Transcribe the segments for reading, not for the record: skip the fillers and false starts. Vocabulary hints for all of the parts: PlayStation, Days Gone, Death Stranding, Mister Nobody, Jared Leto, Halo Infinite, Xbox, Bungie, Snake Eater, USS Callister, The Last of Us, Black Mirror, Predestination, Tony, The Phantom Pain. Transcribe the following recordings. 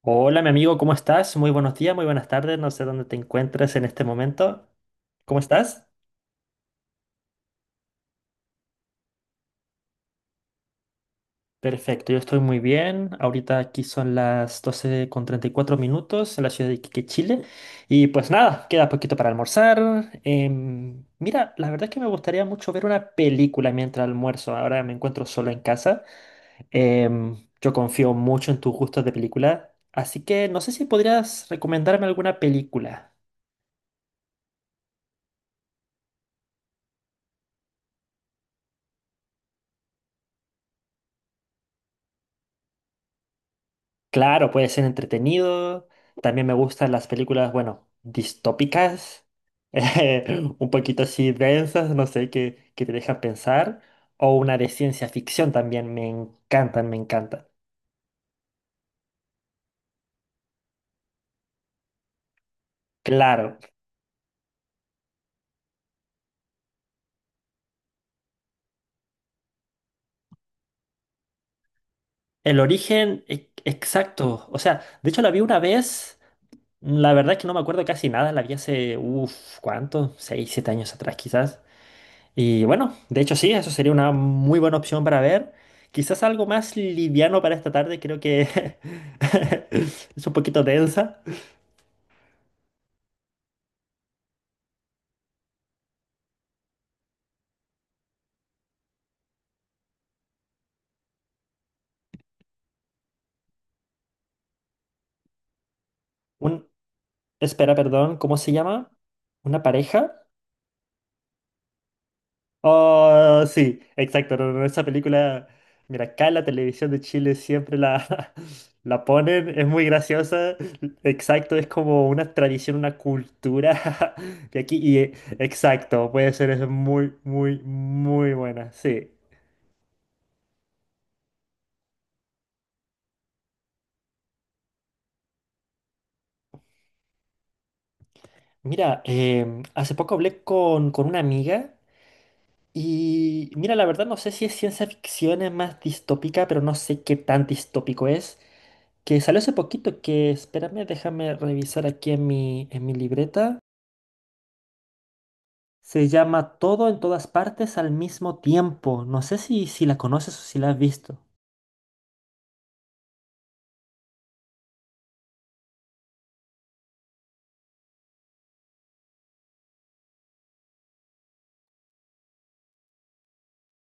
Hola, mi amigo, ¿cómo estás? Muy buenos días, muy buenas tardes. No sé dónde te encuentres en este momento. ¿Cómo estás? Perfecto, yo estoy muy bien. Ahorita aquí son las 12 con 34 minutos en la ciudad de Iquique, Chile. Y pues nada, queda poquito para almorzar. Mira, la verdad es que me gustaría mucho ver una película mientras almuerzo. Ahora me encuentro solo en casa. Yo confío mucho en tus gustos de película. Así que no sé si podrías recomendarme alguna película. Claro, puede ser entretenido. También me gustan las películas, bueno, distópicas, un poquito así densas, no sé, que te dejan pensar. O una de ciencia ficción también, me encantan, me encantan. Claro, el origen exacto. O sea, de hecho la vi una vez, la verdad es que no me acuerdo casi nada, la vi hace, uff, ¿cuánto? Seis, siete años atrás quizás. Y bueno, de hecho sí, eso sería una muy buena opción para ver. Quizás algo más liviano para esta tarde, creo que es un poquito densa. Un, espera, perdón, ¿cómo se llama? ¿Una pareja? Oh, sí, exacto. No, no, esa película, mira, acá en la televisión de Chile siempre la, la ponen, es muy graciosa. Exacto, es como una tradición, una cultura. Y aquí, exacto, puede ser, es muy, muy, muy buena, sí. Mira, hace poco hablé con una amiga y mira, la verdad no sé si es ciencia ficción, es más distópica, pero no sé qué tan distópico es. Que salió hace poquito, que espérame, déjame revisar aquí en en mi libreta. Se llama Todo en todas partes al mismo tiempo. No sé si la conoces o si la has visto.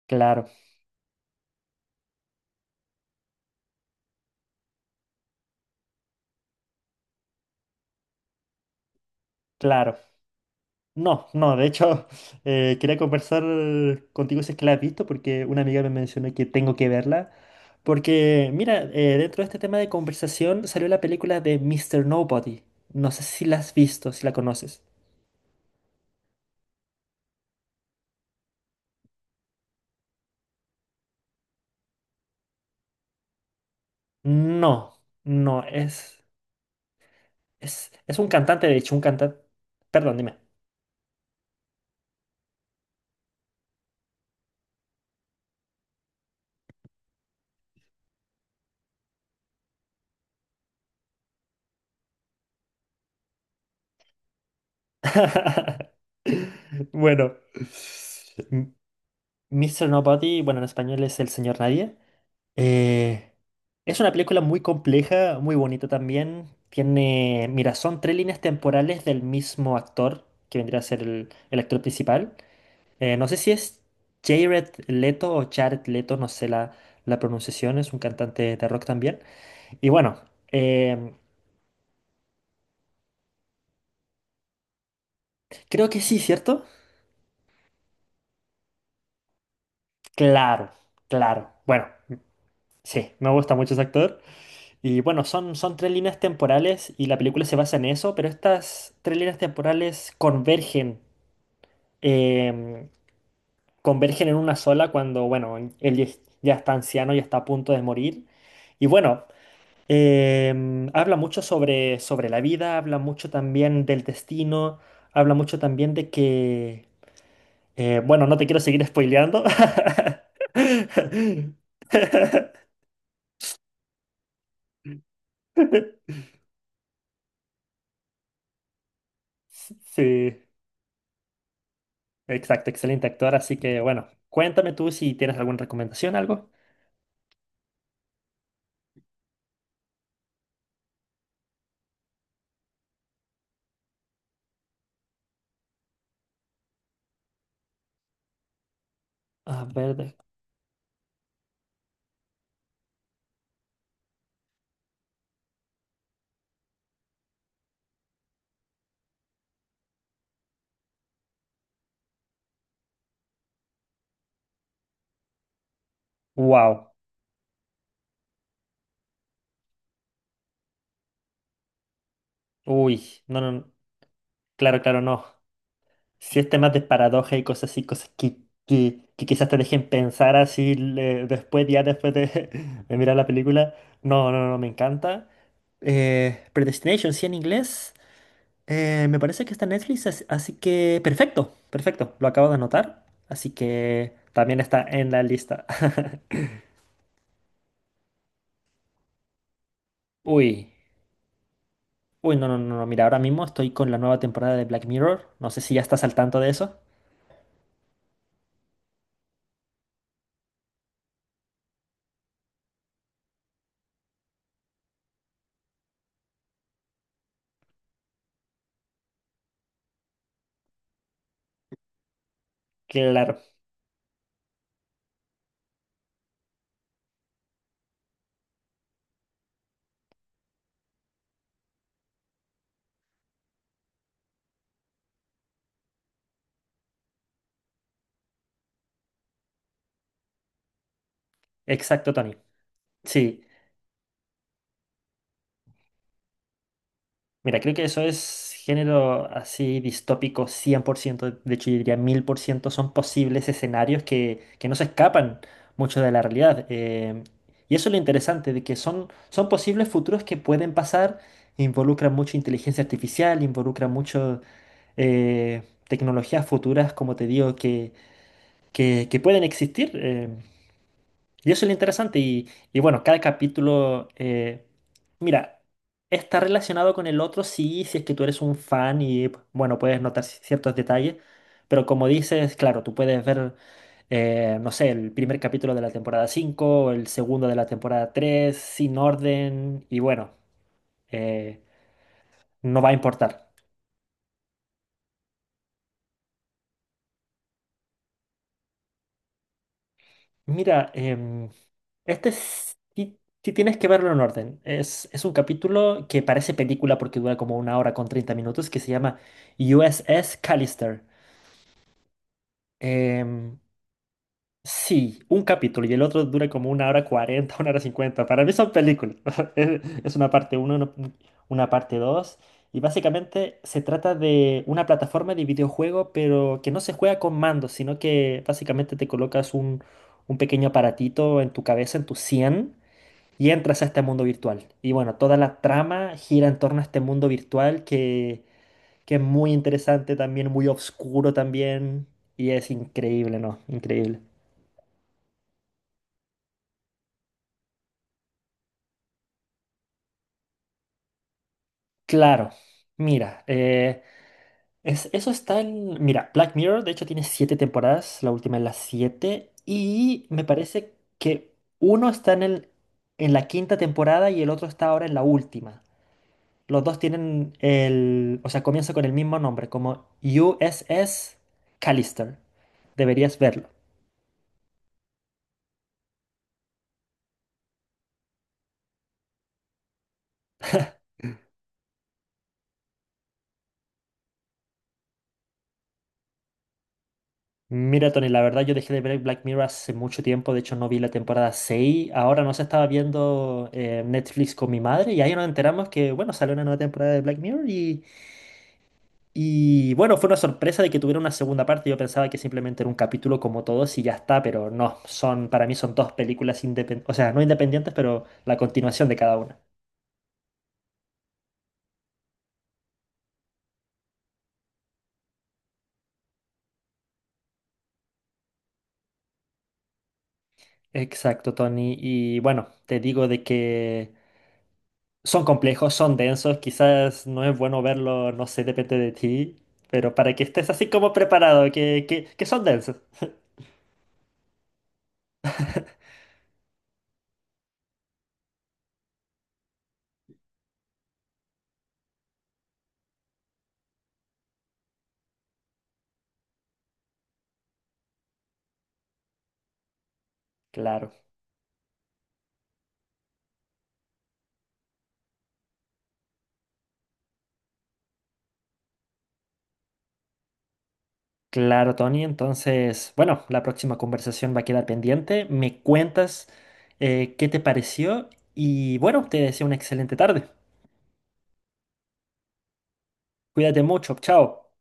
Claro, claro. No, no, de hecho, quería conversar contigo si es que la has visto, porque una amiga me mencionó que tengo que verla. Porque, mira, dentro de este tema de conversación salió la película de Mister Nobody. No sé si la has visto, si la conoces. No, no, es, es un cantante, de hecho, un cantante. Perdón, dime. Bueno, Mister Nobody, bueno, en español es el señor nadie. Eh, es una película muy compleja, muy bonita también. Tiene, mira, son tres líneas temporales del mismo actor, que vendría a ser el actor principal. No sé si es Jared Leto o Jared Leto, no sé la pronunciación, es un cantante de rock también. Y bueno, em, creo que sí, ¿cierto? Claro, claro. Bueno, sí, me gusta mucho ese actor. Y bueno, son, son tres líneas temporales y la película se basa en eso, pero estas tres líneas temporales convergen em, convergen en una sola cuando, bueno, él ya ya está anciano y está a punto de morir. Y bueno, habla mucho sobre la vida, habla mucho también del destino, habla mucho también de que, bueno, no te quiero seguir spoileando. Sí, exacto, excelente actor. Así que bueno, cuéntame tú si tienes alguna recomendación, algo. A ver, wow. Uy, no, no, no, claro, claro, no. Si es temas de paradoja y cosas así, cosas que quizás te dejen pensar así después, ya después de, de mirar la película. No, no, no, me encanta. Predestination, sí, en inglés. Me parece que está en Netflix, así que perfecto, perfecto, lo acabo de anotar. Así que también está en la lista. Uy, uy, no, no, no, no, mira, ahora mismo estoy con la nueva temporada de Black Mirror. No sé si ya estás al tanto de eso. Claro, exacto, Tony. Sí. Mira, creo que eso es género así distópico 100%, de hecho yo diría 1000%, son posibles escenarios que no se escapan mucho de la realidad. Y eso es lo interesante, de que son, son posibles futuros que pueden pasar, involucran mucho inteligencia artificial, involucran mucho tecnologías futuras, como te digo, que pueden existir. Y eso es lo interesante. Y bueno, cada capítulo, mira, está relacionado con el otro, sí, si es que tú eres un fan y, bueno, puedes notar ciertos detalles, pero como dices, claro, tú puedes ver, no sé, el primer capítulo de la temporada 5 o el segundo de la temporada 3 sin orden, y bueno, eh, no va a importar. Mira, sí, sí tienes que verlo en orden. Es un capítulo que parece película porque dura como una hora con 30 minutos que se llama USS Callister. Em, sí, un capítulo y el otro dura como una hora 40, una hora 50. Para mí son películas. Es una parte uno, una parte 2. Y básicamente se trata de una plataforma de videojuego, pero que no se juega con mandos, sino que básicamente te colocas un pequeño aparatito en tu cabeza, en tu 100 y entras a este mundo virtual. Y bueno, toda la trama gira en torno a este mundo virtual que es muy interesante también, muy oscuro también, y es increíble, ¿no? Increíble. Claro, mira, es, eso está en... Mira, Black Mirror de hecho tiene siete temporadas, la última es la siete, y me parece que uno está en el, en la quinta temporada y el otro está ahora en la última. Los dos tienen el, o sea, comienza con el mismo nombre, como USS Callister. Deberías verlo. Mira, Tony, la verdad yo dejé de ver Black Mirror hace mucho tiempo, de hecho no vi la temporada 6. Ahora no se estaba viendo Netflix con mi madre y ahí nos enteramos que, bueno, salió una nueva temporada de Black Mirror y bueno, fue una sorpresa de que tuviera una segunda parte, yo pensaba que simplemente era un capítulo como todos y ya está, pero no, son, para mí son dos películas independientes, o sea, no independientes, pero la continuación de cada una. Exacto, Tony. Y bueno, te digo de que son complejos, son densos, quizás no es bueno verlo, no sé, depende de ti, pero para que estés así como preparado, que son densos. Claro, claro, Tony. Entonces, bueno, la próxima conversación va a quedar pendiente. Me cuentas qué te pareció y bueno, te deseo una excelente tarde. Cuídate mucho, chao.